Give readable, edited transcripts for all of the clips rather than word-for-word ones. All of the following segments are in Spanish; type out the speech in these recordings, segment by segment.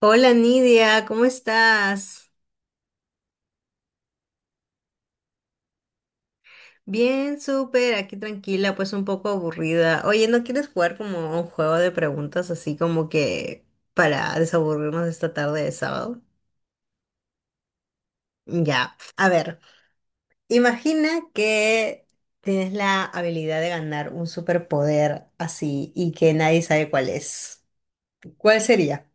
Hola Nidia, ¿cómo estás? Bien, súper, aquí tranquila, pues un poco aburrida. Oye, ¿no quieres jugar como a un juego de preguntas así como que para desaburrirnos esta tarde de sábado? Ya, a ver, imagina que tienes la habilidad de ganar un superpoder así y que nadie sabe cuál es. ¿Cuál sería?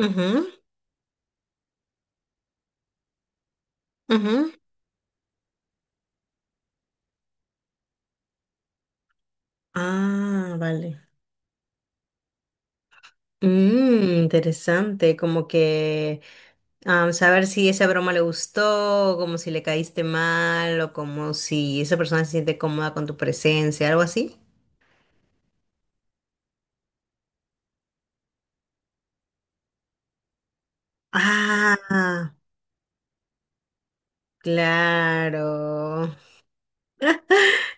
Ujú, ujú. Ah, vale. Interesante, como que saber si esa broma le gustó, como si le caíste mal, o como si esa persona se siente cómoda con tu presencia, algo así. Ah, claro.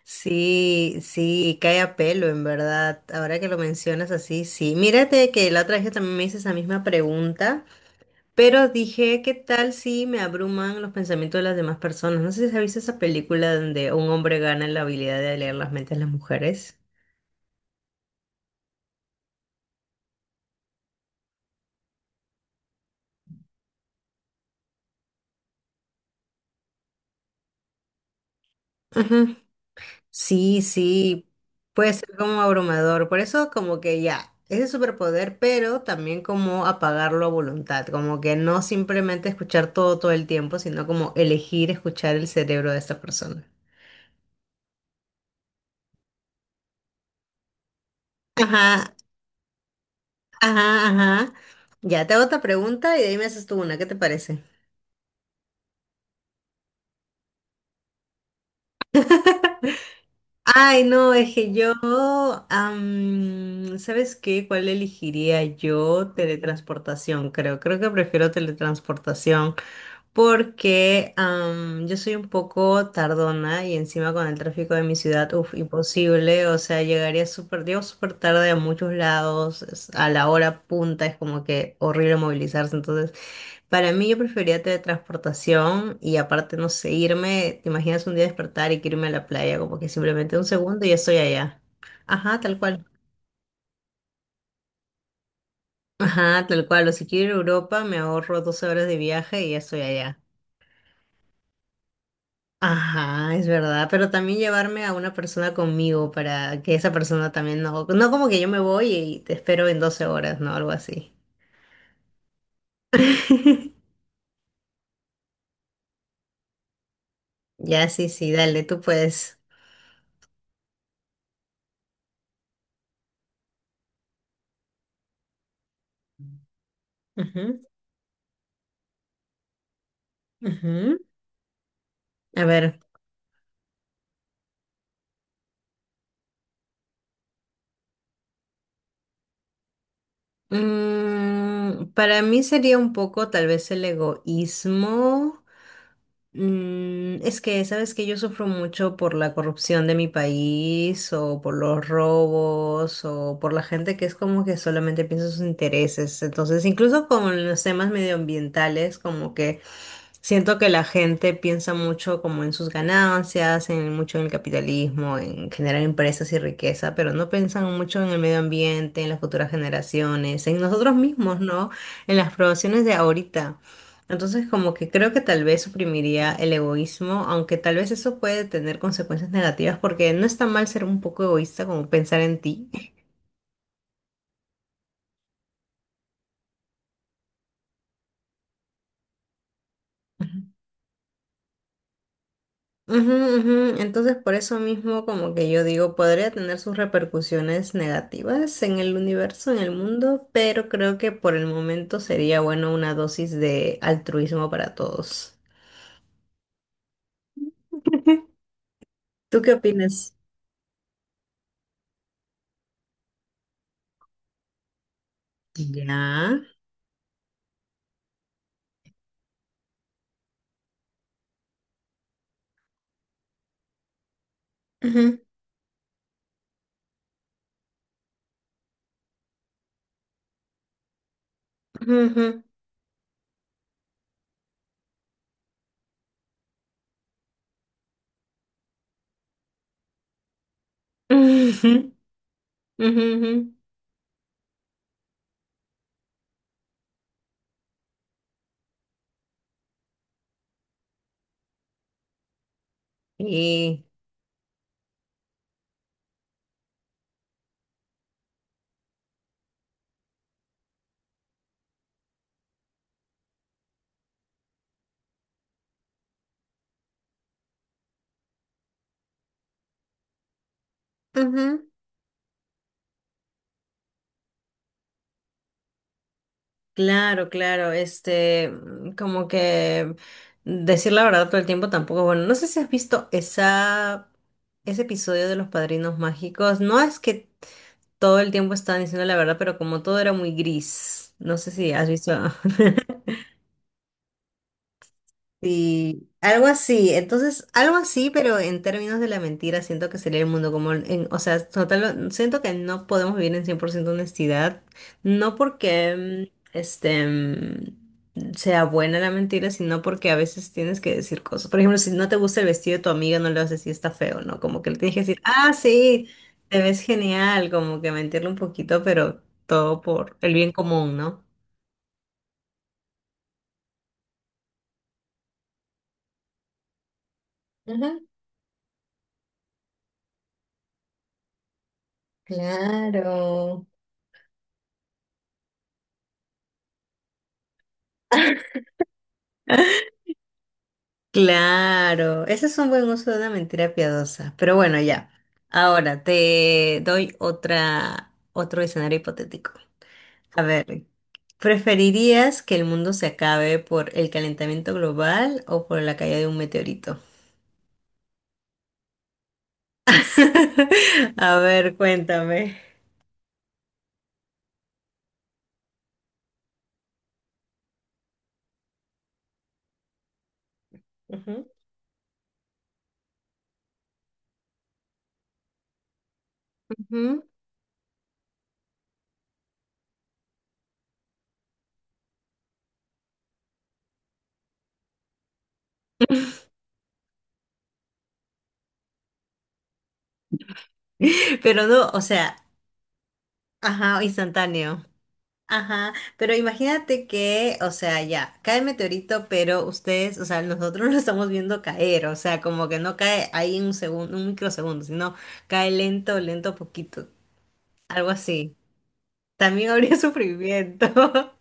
Sí, sí, cae a pelo, en verdad. Ahora que lo mencionas así, sí. Mírate que la otra vez yo también me hice esa misma pregunta, pero dije, ¿qué tal si me abruman los pensamientos de las demás personas? No sé si has visto esa película donde un hombre gana la habilidad de leer las mentes de las mujeres. Sí, sí, puede ser como abrumador, por eso como que ya, es el superpoder, pero también como apagarlo a voluntad, como que no simplemente escuchar todo todo el tiempo, sino como elegir escuchar el cerebro de esta persona. Ajá, ajá, ajá. Ya, te hago otra pregunta y de ahí me haces tú una, ¿qué te parece? Ay, no, es que yo, ¿sabes qué? ¿Cuál elegiría yo? Teletransportación, creo. Creo que prefiero teletransportación. Porque yo soy un poco tardona y encima con el tráfico de mi ciudad, uff, imposible, o sea, llego súper tarde a muchos lados, a la hora punta es como que horrible movilizarse. Entonces, para mí yo prefería teletransportación y aparte, no sé, irme, te imaginas un día despertar y que irme a la playa, como que simplemente un segundo y ya estoy allá. Ajá, tal cual. Ajá, tal cual, o si quiero ir a Europa me ahorro 12 horas de viaje y ya estoy allá. Ajá, es verdad, pero también llevarme a una persona conmigo para que esa persona también no como que yo me voy y te espero en 12 horas, ¿no? Algo así. Ya, sí, sí, dale, tú puedes. Ujú, ujú. A ver, para mí sería un poco tal vez el egoísmo. Es que, sabes que yo sufro mucho por la corrupción de mi país o por los robos o por la gente que es como que solamente piensa en sus intereses. Entonces, incluso con los temas medioambientales, como que siento que la gente piensa mucho como en sus ganancias, en mucho en el capitalismo, en generar empresas y riqueza, pero no piensan mucho en el medio ambiente, en las futuras generaciones, en nosotros mismos, ¿no? En las poblaciones de ahorita. Entonces, como que creo que tal vez suprimiría el egoísmo, aunque tal vez eso puede tener consecuencias negativas, porque no está mal ser un poco egoísta, como pensar en ti. Ujú, ujú. Entonces, por eso mismo, como que yo digo, podría tener sus repercusiones negativas en el universo, en el mundo, pero creo que por el momento sería bueno una dosis de altruismo para todos. ¿Tú qué opinas? Ya. Ujú, ujú, ujú. Ujú, ujú, ujú. Y ujú. Claro, claro, como que decir la verdad todo el tiempo tampoco es bueno. No sé si has visto esa, ese episodio de Los Padrinos Mágicos. No es que todo el tiempo estaban diciendo la verdad, pero como todo era muy gris. No sé si has visto. Sí, algo así. Entonces, algo así, pero en términos de la mentira, siento que sería el mundo como, o sea, total, no, siento que no podemos vivir en 100% honestidad, no porque sea buena la mentira, sino porque a veces tienes que decir cosas. Por ejemplo, si no te gusta el vestido de tu amiga, no le vas a decir está feo, ¿no? Como que le tienes que decir, ah, sí, te ves genial, como que mentirle un poquito, pero todo por el bien común, ¿no? Ajá, claro. Claro, ese es un buen uso de una mentira piadosa. Pero bueno, ya. Ahora te doy otro escenario hipotético. A ver, ¿preferirías que el mundo se acabe por el calentamiento global o por la caída de un meteorito? A ver, cuéntame. Ujú. Ujú. Pero no, o sea, ajá, instantáneo. Ajá, pero imagínate que, o sea, ya, cae el meteorito, pero ustedes, o sea, nosotros lo estamos viendo caer, o sea, como que no cae ahí en un segundo, un microsegundo, sino cae lento, lento, poquito, algo así. También habría sufrimiento.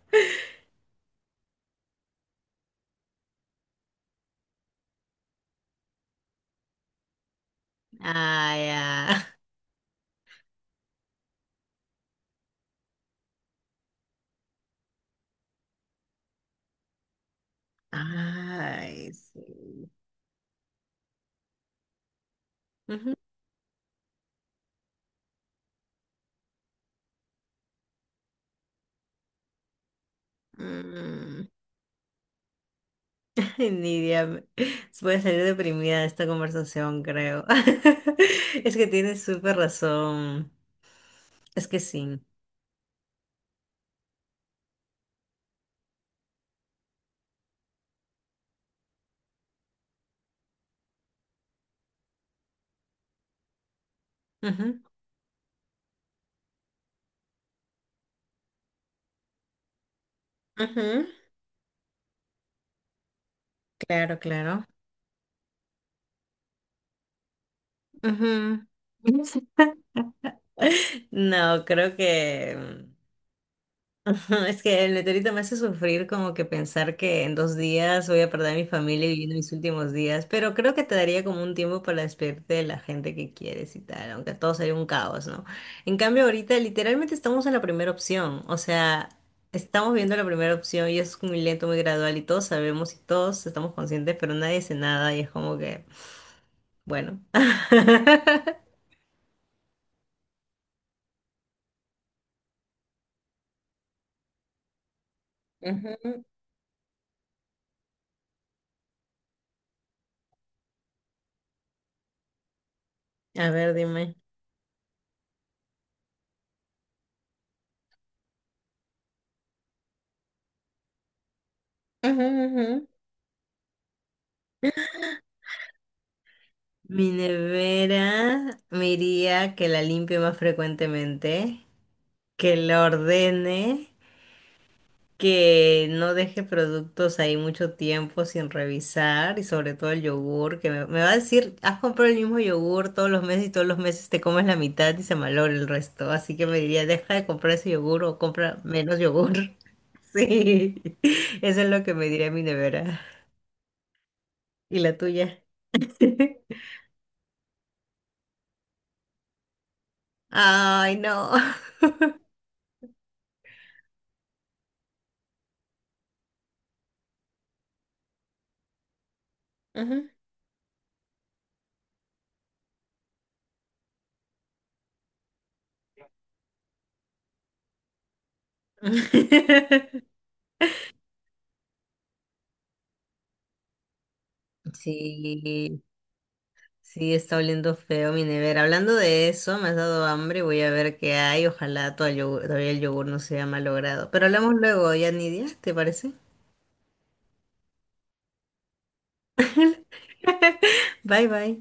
Ay, ah. Ya. Ay, sí. Ujú. Mm. Nidia, voy a salir deprimida de esta conversación, creo. Es que tienes súper razón. Es que sí. Ujú, ujú. Claro, claro. Ujú. No, creo que es que el meteorito me hace sufrir como que pensar que en 2 días voy a perder a mi familia viviendo mis últimos días, pero creo que te daría como un tiempo para despedirte de la gente que quieres y tal, aunque todo sería un caos, ¿no? En cambio, ahorita literalmente estamos en la primera opción, o sea, estamos viendo la primera opción y es muy lento, muy gradual y todos sabemos y todos estamos conscientes, pero nadie hace nada y es como que, bueno. Ujú. A ver, dime. Ujú, ujú. Mi nevera me iría que la limpie más frecuentemente, que la ordene, que no deje productos ahí mucho tiempo sin revisar y sobre todo el yogur, que me va a decir, has comprado el mismo yogur todos los meses y todos los meses te comes la mitad y se malogra el resto, así que me diría, deja de comprar ese yogur o compra menos yogur. Sí, eso es lo que me diría mi nevera. ¿Y la tuya? Ay, no. Ajá. Sí, sí, está oliendo feo mi nevera. Hablando de eso, me has dado hambre, voy a ver qué hay. Ojalá todavía el yogur no se haya malogrado. Pero hablamos luego, ya ni Nidia, ¿te parece? Bye, bye.